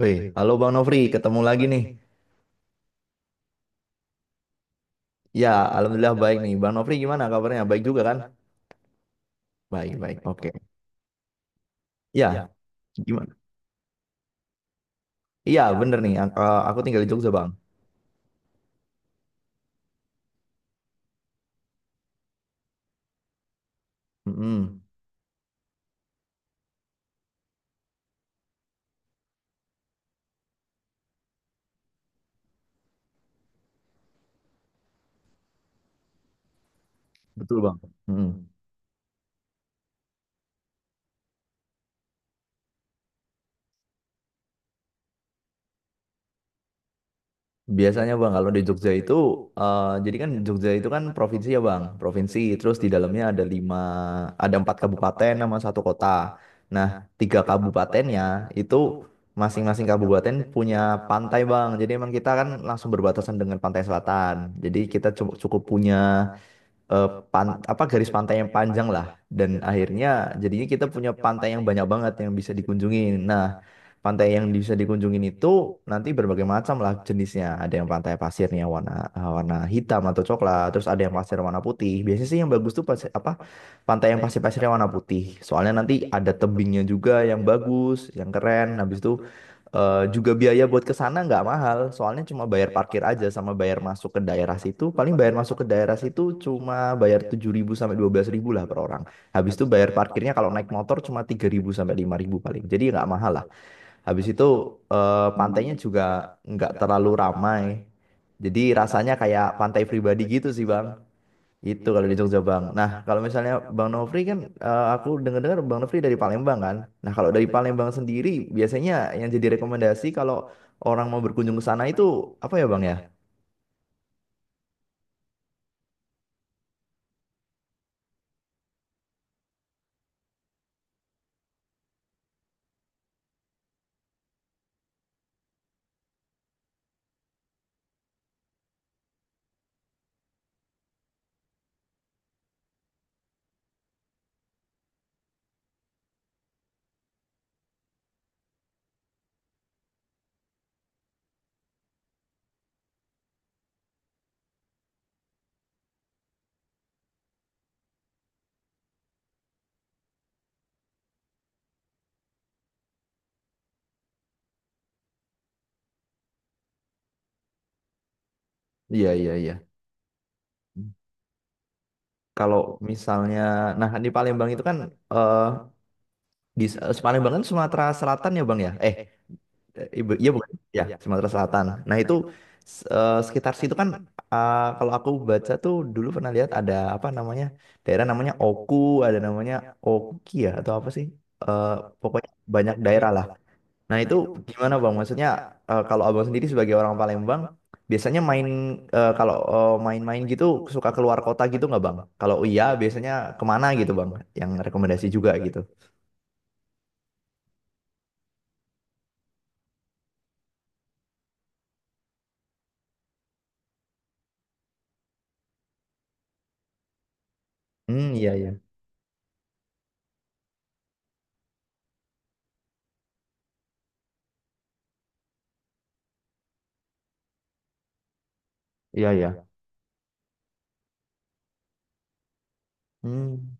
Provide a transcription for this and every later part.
Woi, halo Bang Nofri, ketemu lagi nih. Ya, alhamdulillah baik nih. Bang Nofri gimana kabarnya? Baik juga kan? Baik, baik. Oke. Ya, gimana? Iya, bener nih. Aku tinggal di Jogja, Bang. Mm-mm. Betul, Bang. Mm-mm. Biasanya Bang, kalau di Jogja itu, jadi kan Jogja itu kan provinsi ya Bang, provinsi. Terus di dalamnya ada lima, ada empat kabupaten sama satu kota. Nah, tiga kabupatennya itu masing-masing kabupaten punya pantai Bang. Jadi emang kita kan langsung berbatasan dengan pantai selatan. Jadi kita cukup punya apa garis pantai yang panjang lah dan akhirnya jadinya kita punya pantai yang banyak banget yang bisa dikunjungin. Nah, pantai yang bisa dikunjungin itu nanti berbagai macam lah jenisnya. Ada yang pantai pasirnya warna hitam atau coklat, terus ada yang pasir warna putih. Biasanya sih yang bagus tuh apa pantai yang pasir-pasirnya warna putih. Soalnya nanti ada tebingnya juga yang bagus, yang keren. Habis itu juga biaya buat ke sana nggak mahal, soalnya cuma bayar parkir aja sama bayar masuk ke daerah situ. Paling bayar masuk ke daerah situ cuma bayar 7.000 sampai 12.000 lah per orang. Habis itu bayar parkirnya kalau naik motor cuma 3.000 sampai 5.000 paling. Jadi nggak mahal lah. Habis itu pantainya juga nggak terlalu ramai. Jadi rasanya kayak pantai pribadi gitu sih, Bang. Itu kalau di Jogja Bang. Nah, kalau misalnya Bang Nofri kan aku dengar-dengar Bang Nofri dari Palembang kan. Nah, kalau dari Palembang sendiri biasanya yang jadi rekomendasi kalau orang mau berkunjung ke sana itu apa ya Bang ya? Iya, iya, iya. Kalau misalnya nah di Palembang itu kan eh di Palembang kan Sumatera Selatan ya Bang ya? Ibu, iya bukan? Ya, Iya. Sumatera Selatan. Nah Nah itu sekitar situ kan kalau aku baca tuh dulu pernah lihat ada apa namanya daerah namanya Oku, ada namanya Oki ya atau apa sih? Eh, pokoknya banyak daerah lah. Nah itu gimana Bang? Maksudnya kalau Abang sendiri sebagai orang Palembang biasanya kalau main-main gitu suka keluar kota gitu nggak Bang? Kalau iya biasanya kemana gitu Bang? Yang rekomendasi juga gitu. Hmm, iya iya. Iya iya. Hmm.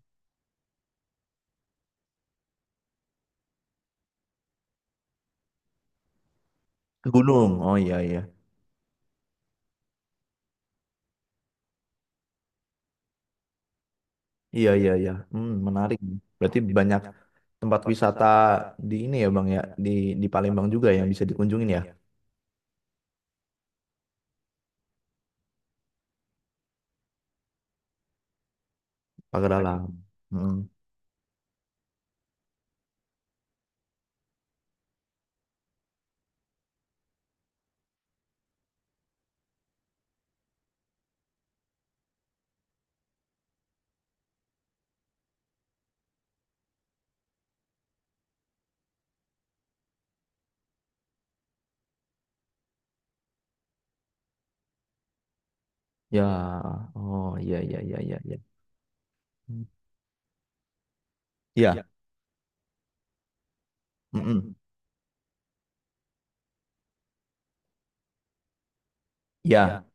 Ke gunung. Oh iya iya. Iya, iya, iya. Hmm, menarik. Berarti banyak tempat wisata di ini ya, Bang ya, di di Palembang juga yang bisa dikunjungin ya, Pagar Alam. Mm. Ya, oh iya, iya, iya, iya, iya. Hmm. Iya, mm-mm. Iya.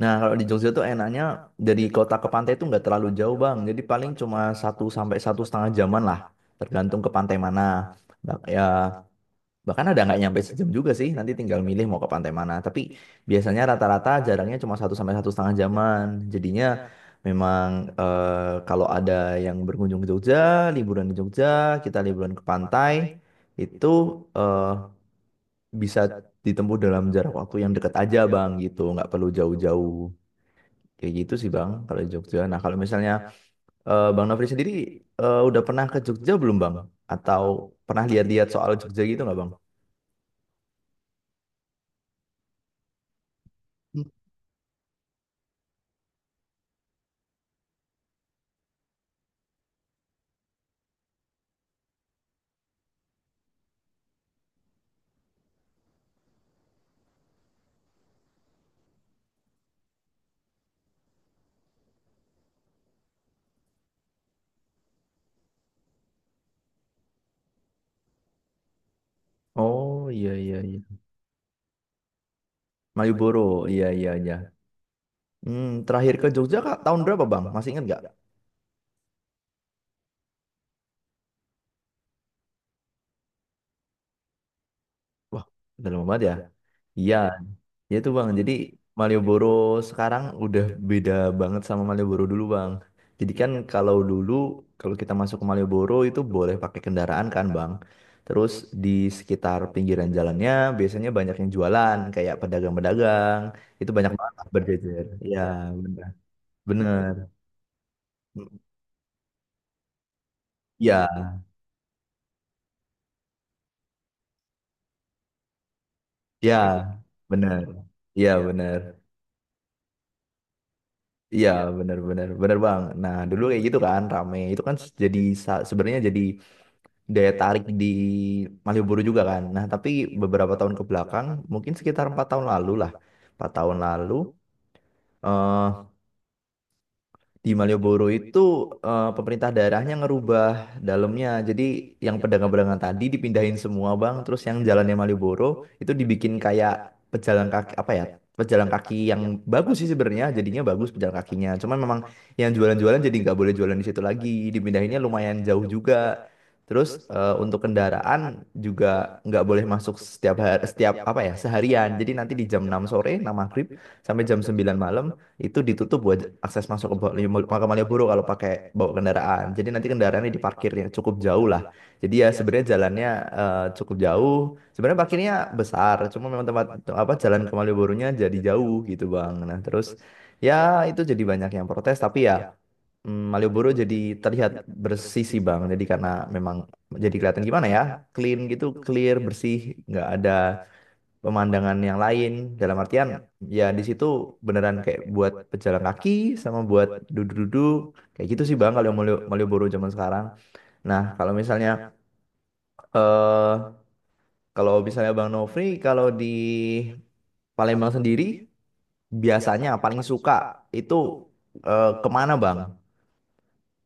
Nah, kalau di Jogja tuh enaknya dari kota ke pantai itu nggak terlalu jauh, Bang. Jadi paling cuma 1 sampai 1,5 jaman lah, tergantung ke pantai mana. Bak- Ya, Bahkan ada nggak nyampe sejam juga sih, nanti tinggal milih mau ke pantai mana. Tapi biasanya rata-rata jarangnya cuma 1 sampai 1,5 jaman. Jadinya memang kalau ada yang berkunjung ke Jogja, liburan di Jogja, kita liburan ke pantai, itu eh, bisa ditempuh dalam jarak waktu yang dekat aja bang gitu, nggak perlu jauh-jauh. Kayak gitu sih bang kalau di Jogja. Nah kalau misalnya Bang Nofri sendiri udah pernah ke Jogja belum bang? Atau pernah lihat-lihat soal Jogja gitu nggak bang? Oh iya iya iya. Malioboro, iya iya iya. Hmm, terakhir ke Jogja Kak tahun berapa Bang? Masih ingat nggak? Wah, udah lama banget ya. Iya, ya itu Bang. Jadi Malioboro sekarang udah beda banget sama Malioboro dulu Bang. Jadi kan kalau dulu kalau kita masuk ke Malioboro itu boleh pakai kendaraan kan Bang. Terus di sekitar pinggiran jalannya biasanya banyak yang jualan kayak pedagang-pedagang. Itu banyak banget berjejer. Iya, benar. Bener. Iya, Ya, kayak gitu bener. Iya, Iya, bener. Iya, iya, bener, bener, bener bang. Nah, dulu kayak gitu kan, rame. Itu kan jadi sebenarnya jadi daya tarik di Malioboro juga kan. Nah, tapi beberapa tahun ke belakang, mungkin sekitar 4 tahun lalu lah, 4 tahun lalu, eh, di Malioboro itu pemerintah daerahnya ngerubah dalamnya. Jadi yang pedagang-pedagang tadi dipindahin semua bang. Terus yang jalannya Malioboro itu dibikin kayak pejalan kaki apa ya? Pejalan kaki yang bagus sih sebenarnya. Jadinya bagus pejalan kakinya. Cuman memang yang jualan-jualan jadi nggak boleh jualan di situ lagi. Dipindahinnya lumayan jauh juga. Terus untuk kendaraan juga nggak boleh masuk setiap hari, setiap apa ya seharian. Jadi nanti di jam 6 sore, 6 maghrib sampai jam 9 malam itu ditutup buat akses masuk ke Makam Malioboro kalau pakai bawa kendaraan. Jadi nanti kendaraannya diparkir yang cukup jauh lah. Jadi ya sebenarnya jalannya cukup jauh. Sebenarnya parkirnya besar, cuma memang tempat apa jalan ke Malioboronya jadi jauh gitu Bang. Nah, terus ya itu jadi banyak yang protes tapi ya Malioboro jadi terlihat bersih sih Bang. Jadi karena memang jadi kelihatan gimana ya? Clean gitu, clear, bersih, nggak ada pemandangan yang lain dalam artian ya di situ beneran kayak buat pejalan kaki sama buat duduk-duduk kayak gitu sih Bang kalau Malioboro zaman sekarang. Nah, kalau misalnya eh kalau misalnya Bang Nofri kalau di Palembang sendiri biasanya paling suka itu kemana Bang?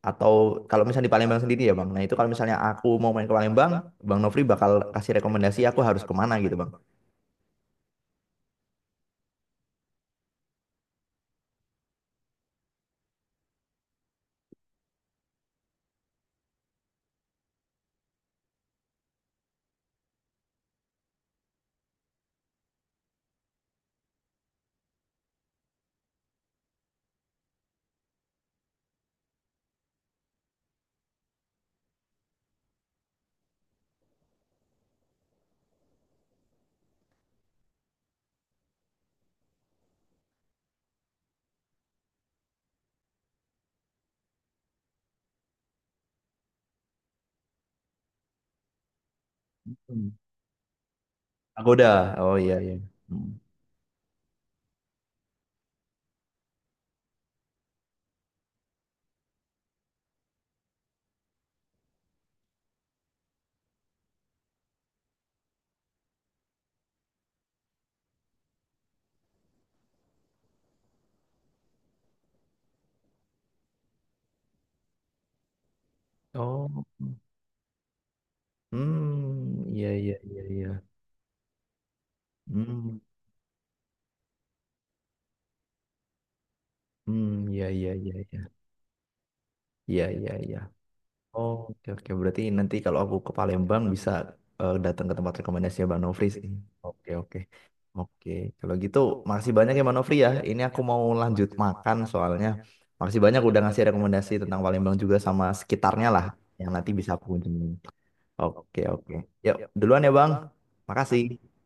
Atau kalau misalnya di Palembang sendiri ya Bang. Nah, itu kalau misalnya aku mau main ke Palembang, Bang Nofri bakal kasih rekomendasi aku harus kemana gitu Bang. Hmm. Aku udah. Oh iya iya. Hmm. Oh. Hmm, iya iya iya iya. Hmm, mmm, iya iya iya iya. Iya iya iya. Oh, oke oke, berarti nanti kalau aku ke Palembang bisa, datang ke tempat rekomendasinya Bang Nofri sih. Oke oke. Oke, kalau gitu makasih banyak ya Bang Nofri ya, ini aku mau lanjut makan soalnya. Makasih banyak udah ngasih rekomendasi tentang Palembang juga sama sekitarnya lah, yang nanti bisa aku kunjungi. Oke oke. Yuk, duluan ya Bang. Makasih.